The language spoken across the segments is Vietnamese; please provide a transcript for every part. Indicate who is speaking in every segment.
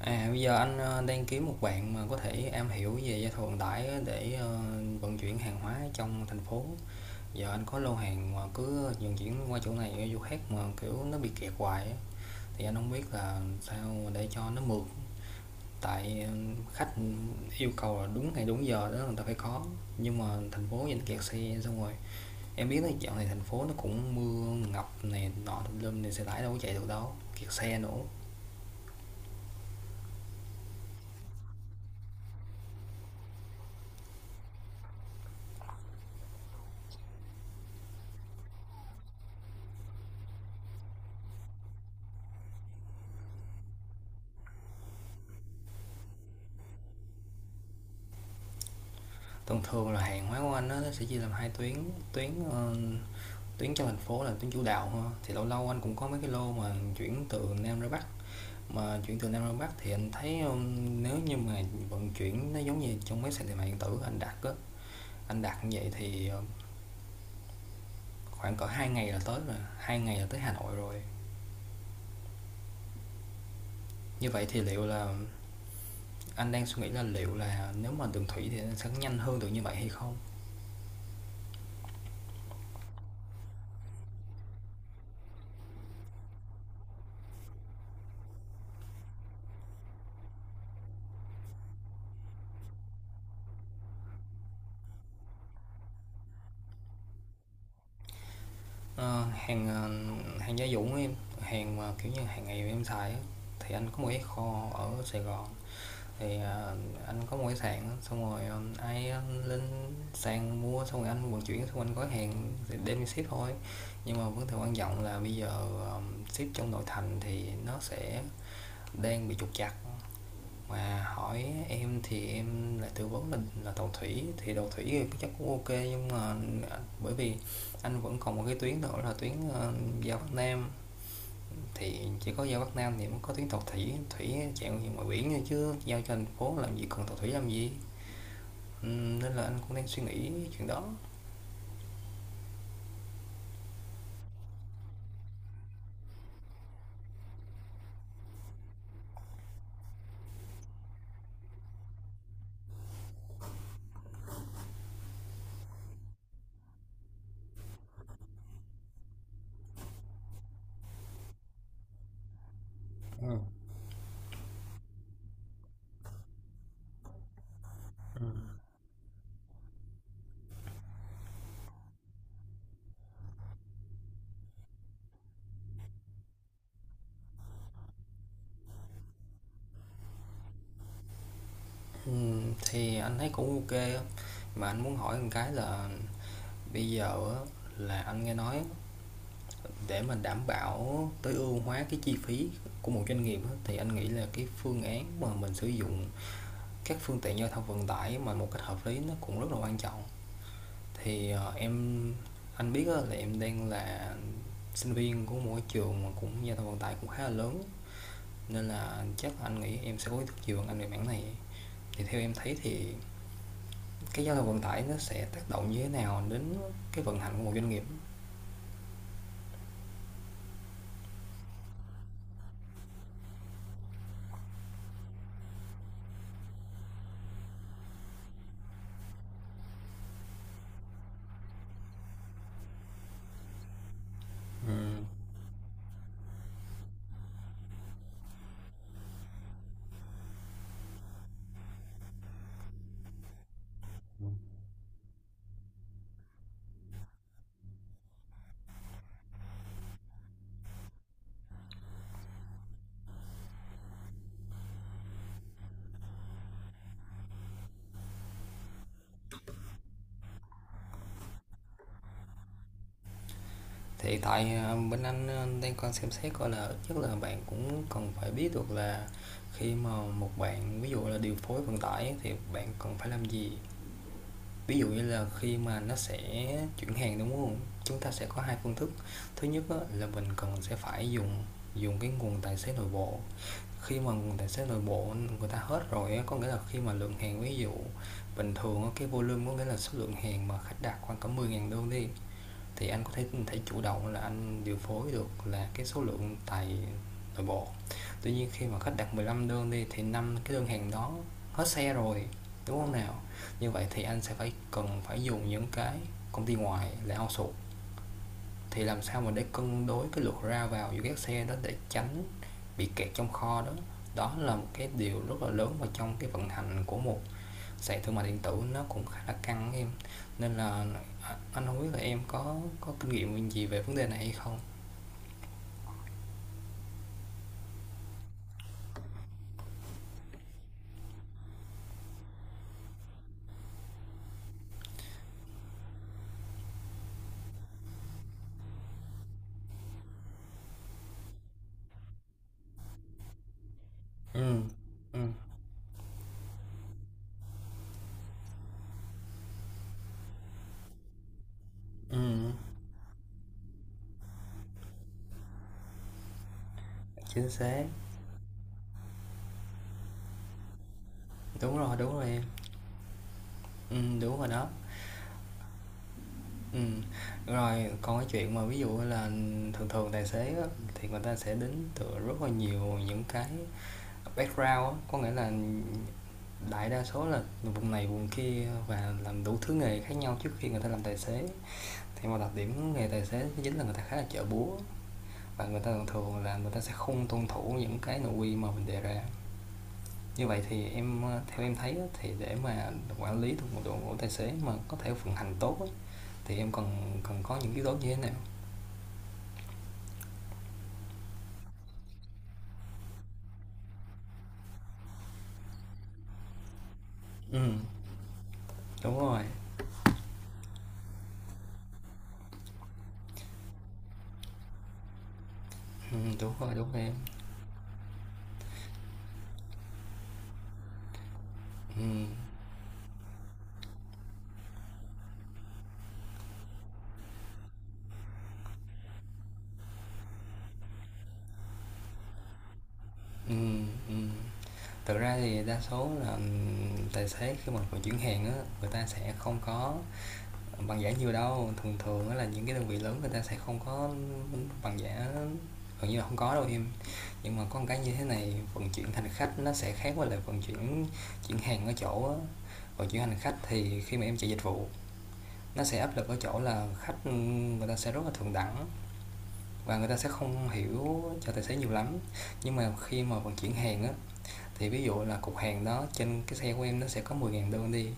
Speaker 1: À, bây giờ anh đang kiếm một bạn mà có thể am hiểu về giao thông vận tải để vận chuyển hàng hóa trong thành phố. Giờ anh có lô hàng mà cứ vận chuyển qua chỗ này qua chỗ khác mà kiểu nó bị kẹt hoài á. Thì anh không biết là sao để cho nó mượt. Tại khách yêu cầu là đúng ngày đúng giờ đó người ta phải có. Nhưng mà thành phố vẫn kẹt xe xong rồi. Em biết là dạo này thành phố nó cũng mưa ngập này nọ tùm lum này, xe tải đâu có chạy được đâu. Kẹt xe nữa. Thông thường là hàng hóa của anh á, nó sẽ chia làm hai tuyến. tuyến ờ, Tuyến trong thành phố là tuyến chủ đạo ha. Thì lâu lâu anh cũng có mấy cái lô mà chuyển từ Nam ra Bắc, mà chuyển từ Nam ra Bắc thì anh thấy nếu như mà vận chuyển nó giống như trong mấy sàn thương mại điện tử anh đặt á, anh đặt như vậy thì khoảng cỡ hai ngày là tới rồi, hai ngày là tới Hà Nội rồi. Như vậy thì liệu là Anh đang suy nghĩ là liệu là nếu mà đường thủy thì nó sẽ nhanh hơn được như vậy hay không. Ờ, hàng, ờ, Hàng gia dụng em, hàng mà kiểu như hàng ngày em xài á, thì anh có một cái kho ở Sài Gòn, thì, ờ, anh có một cái sàn á, xong rồi, lên sàn mua xong rồi anh vận chuyển, xong rồi anh gói hàng thì đem đi ship thôi. Nhưng mà vấn đề quan trọng là bây giờ, ờ, ship trong nội thành thì nó sẽ đang bị trục trặc. Mà hỏi em thì em lại tư vấn là tàu thủy thì chắc cũng ok, nhưng mà bởi vì anh vẫn còn một cái tuyến nữa là ra Bắc Nam, thì chỉ có giao Bắc Nam thì mới có tuyến tàu thủy, chạy ngoài biển thôi, chứ giao cho thành phố làm gì, cần tàu thủy làm gì. Nên là anh cũng đang suy nghĩ chuyện đó. Thì anh thấy cũng ok, mà anh muốn hỏi một cái là bây giờ là anh nghe nói, để mình đảm bảo tối ưu hóa cái chi phí của một doanh nghiệp thì anh nghĩ là cái phương án mà mình sử dụng các phương tiện giao thông vận tải mà một cách hợp lý nó cũng rất là quan trọng. Thì anh biết là em đang là sinh viên của một trường mà cũng giao thông vận tải cũng khá là lớn, nên là chắc là anh nghĩ em sẽ có ý thức nhiều anh về mảng này. Thì theo em thấy thì cái giao thông vận tải nó sẽ tác động như thế nào đến cái vận hành của một doanh nghiệp? Thì tại bên anh đang còn xem xét coi là ít nhất là bạn cũng cần phải biết được là khi mà một bạn ví dụ là điều phối vận tải thì bạn cần phải làm gì. Ví dụ như là khi mà nó sẽ chuyển hàng đúng không, chúng ta sẽ có hai phương thức. Thứ nhất là mình cần sẽ phải dùng dùng cái nguồn tài xế nội bộ. Khi mà nguồn tài xế nội bộ người ta hết rồi, có nghĩa là khi mà lượng hàng, ví dụ bình thường cái volume, có nghĩa là số lượng hàng mà khách đặt khoảng cả mười 000 đơn đi, thì anh có thể thể chủ động là anh điều phối được là cái số lượng tài nội bộ. Tuy nhiên khi mà khách đặt 15 đơn đi thì 5 cái đơn hàng đó hết xe rồi, đúng không nào? Như vậy thì anh sẽ phải cần phải dùng những cái công ty ngoài là outsource. Thì làm sao mà để cân đối cái lượt ra vào giữa các xe đó để tránh bị kẹt trong kho đó, đó là một cái điều rất là lớn vào trong cái vận hành của một sàn thương mại điện tử, nó cũng khá là căng em. Nên là anh không biết là em có kinh nghiệm gì về vấn đề này hay không. Ừ. Ừ. Ừ. Chính xác. Đúng rồi, đúng rồi em. Ừ, đúng rồi đó. Ừ, rồi. Còn cái chuyện mà ví dụ là thường thường tài xế á, thì người ta sẽ đến từ rất là nhiều những cái background á, có nghĩa là đại đa số là vùng này vùng kia và làm đủ thứ nghề khác nhau trước khi người ta làm tài xế. Thì một đặc điểm nghề tài xế chính là người ta khá là chợ búa, và người ta thường thường là người ta sẽ không tuân thủ những cái nội quy mà mình đề ra. Như vậy thì theo em thấy thì để mà quản lý được một đội ngũ tài xế mà có thể vận hành tốt thì em cần cần có những yếu tố như thế nào? Ừ, đúng rồi. Ừ, đúng rồi, đúng rồi em. Ừ. Ừ. Thực ra thì đa số là, tài xế khi mà vận chuyển hàng á, người ta sẽ không có bằng giả nhiều đâu. Thường thường á là những cái đơn vị lớn người ta sẽ không có bằng giả, gần như là không có đâu em. Nhưng mà có một cái như thế này, vận chuyển hành khách nó sẽ khác với lại vận chuyển chuyển hàng ở chỗ á. Vận chuyển hành khách thì khi mà em chạy dịch vụ nó sẽ áp lực ở chỗ là khách, người ta sẽ rất là thượng đẳng và người ta sẽ không hiểu cho tài xế nhiều lắm. Nhưng mà khi mà vận chuyển hàng á, thì ví dụ là cục hàng đó trên cái xe của em nó sẽ có 10.000 đơn đi,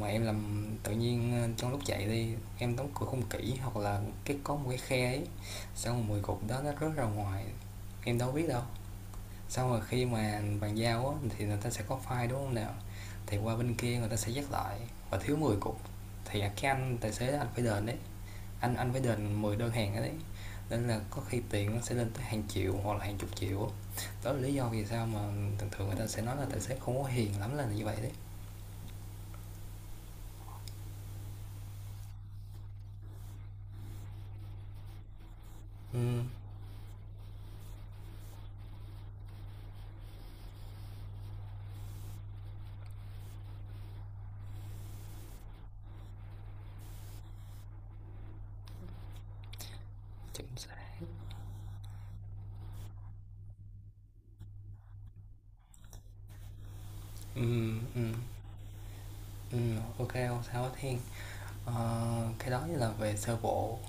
Speaker 1: mà em làm tự nhiên trong lúc chạy đi em đóng cửa không kỹ hoặc là cái có một cái khe ấy, xong rồi 10 cục đó nó rớt ra ngoài, em đâu biết đâu. Xong rồi khi mà bàn giao á, thì người ta sẽ có file đúng không nào, thì qua bên kia người ta sẽ dắt lại và thiếu 10 cục, thì cái anh tài xế anh phải đền đấy. Anh phải đền 10 đơn hàng ở đấy, nên là có khi tiền nó sẽ lên tới hàng triệu hoặc là hàng chục triệu. Đó là lý do vì sao mà thường thường người ta sẽ nói là tài xế không có hiền lắm là như vậy đấy. Ừ. Chính xác. Ừ. Ừ. Ừ. Ok, không sao hết Thiên. Ờ, cái đó là về sơ bộ.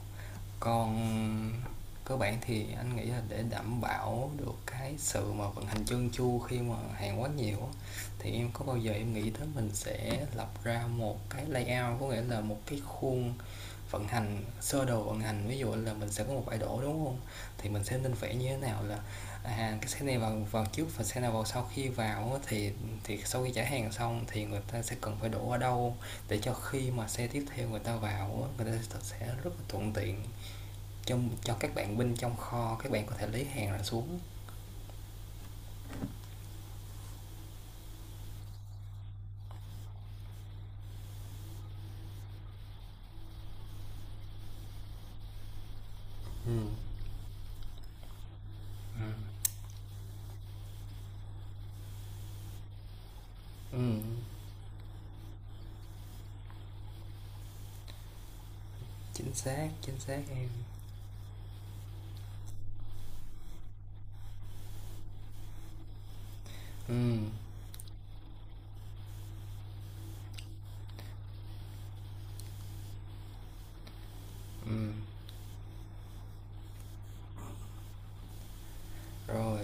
Speaker 1: Còn cơ bản thì anh nghĩ là để đảm bảo được cái sự mà vận hành chân chu khi mà hàng quá nhiều á, thì em có bao giờ em nghĩ tới mình sẽ lập ra một cái layout, có nghĩa là một cái khuôn vận hành, sơ đồ vận hành, ví dụ là mình sẽ có một bãi đổ đúng không, thì mình sẽ nên vẽ như thế nào, là à, cái xe này vào vào trước và xe nào vào sau, khi vào thì sau khi trả hàng xong thì người ta sẽ cần phải đổ ở đâu để cho khi mà xe tiếp theo người ta vào, người ta sẽ rất là thuận tiện cho các bạn binh trong kho, các bạn có thể lấy hàng ra xuống. Ừ, chính xác em. Ừ, rồi.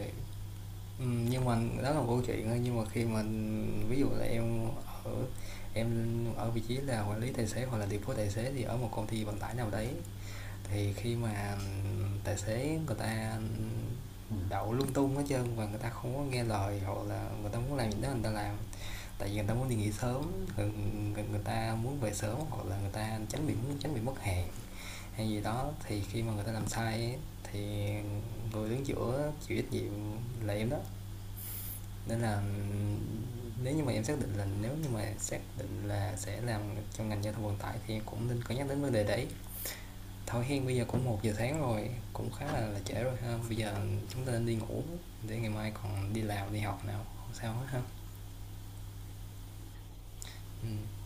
Speaker 1: Nhưng mà đó là một câu chuyện thôi, nhưng mà khi mà ví dụ là ở em ở vị trí là quản lý tài xế hoặc là điều phối tài xế thì ở một công ty vận tải nào đấy, thì khi mà tài xế người ta đậu lung tung hết trơn và người ta không có nghe lời hoặc là người ta muốn làm gì đó người ta làm. Tại vì người ta muốn đi nghỉ sớm, người ta muốn về sớm, hoặc là người ta tránh bị muốn tránh bị mất hàng hay gì đó, thì khi mà người ta làm sai ấy, thì người đứng giữa chịu trách nhiệm là em đó. Nên là nếu như mà em xác định là, sẽ làm trong ngành giao thông vận tải, thì em cũng nên có nhắc đến vấn đề đấy. Thôi hen, bây giờ cũng 1 giờ sáng rồi, cũng khá là trễ rồi ha, bây giờ chúng ta nên đi ngủ để ngày mai còn đi làm đi học nào. Không sao hết ha. Ừ.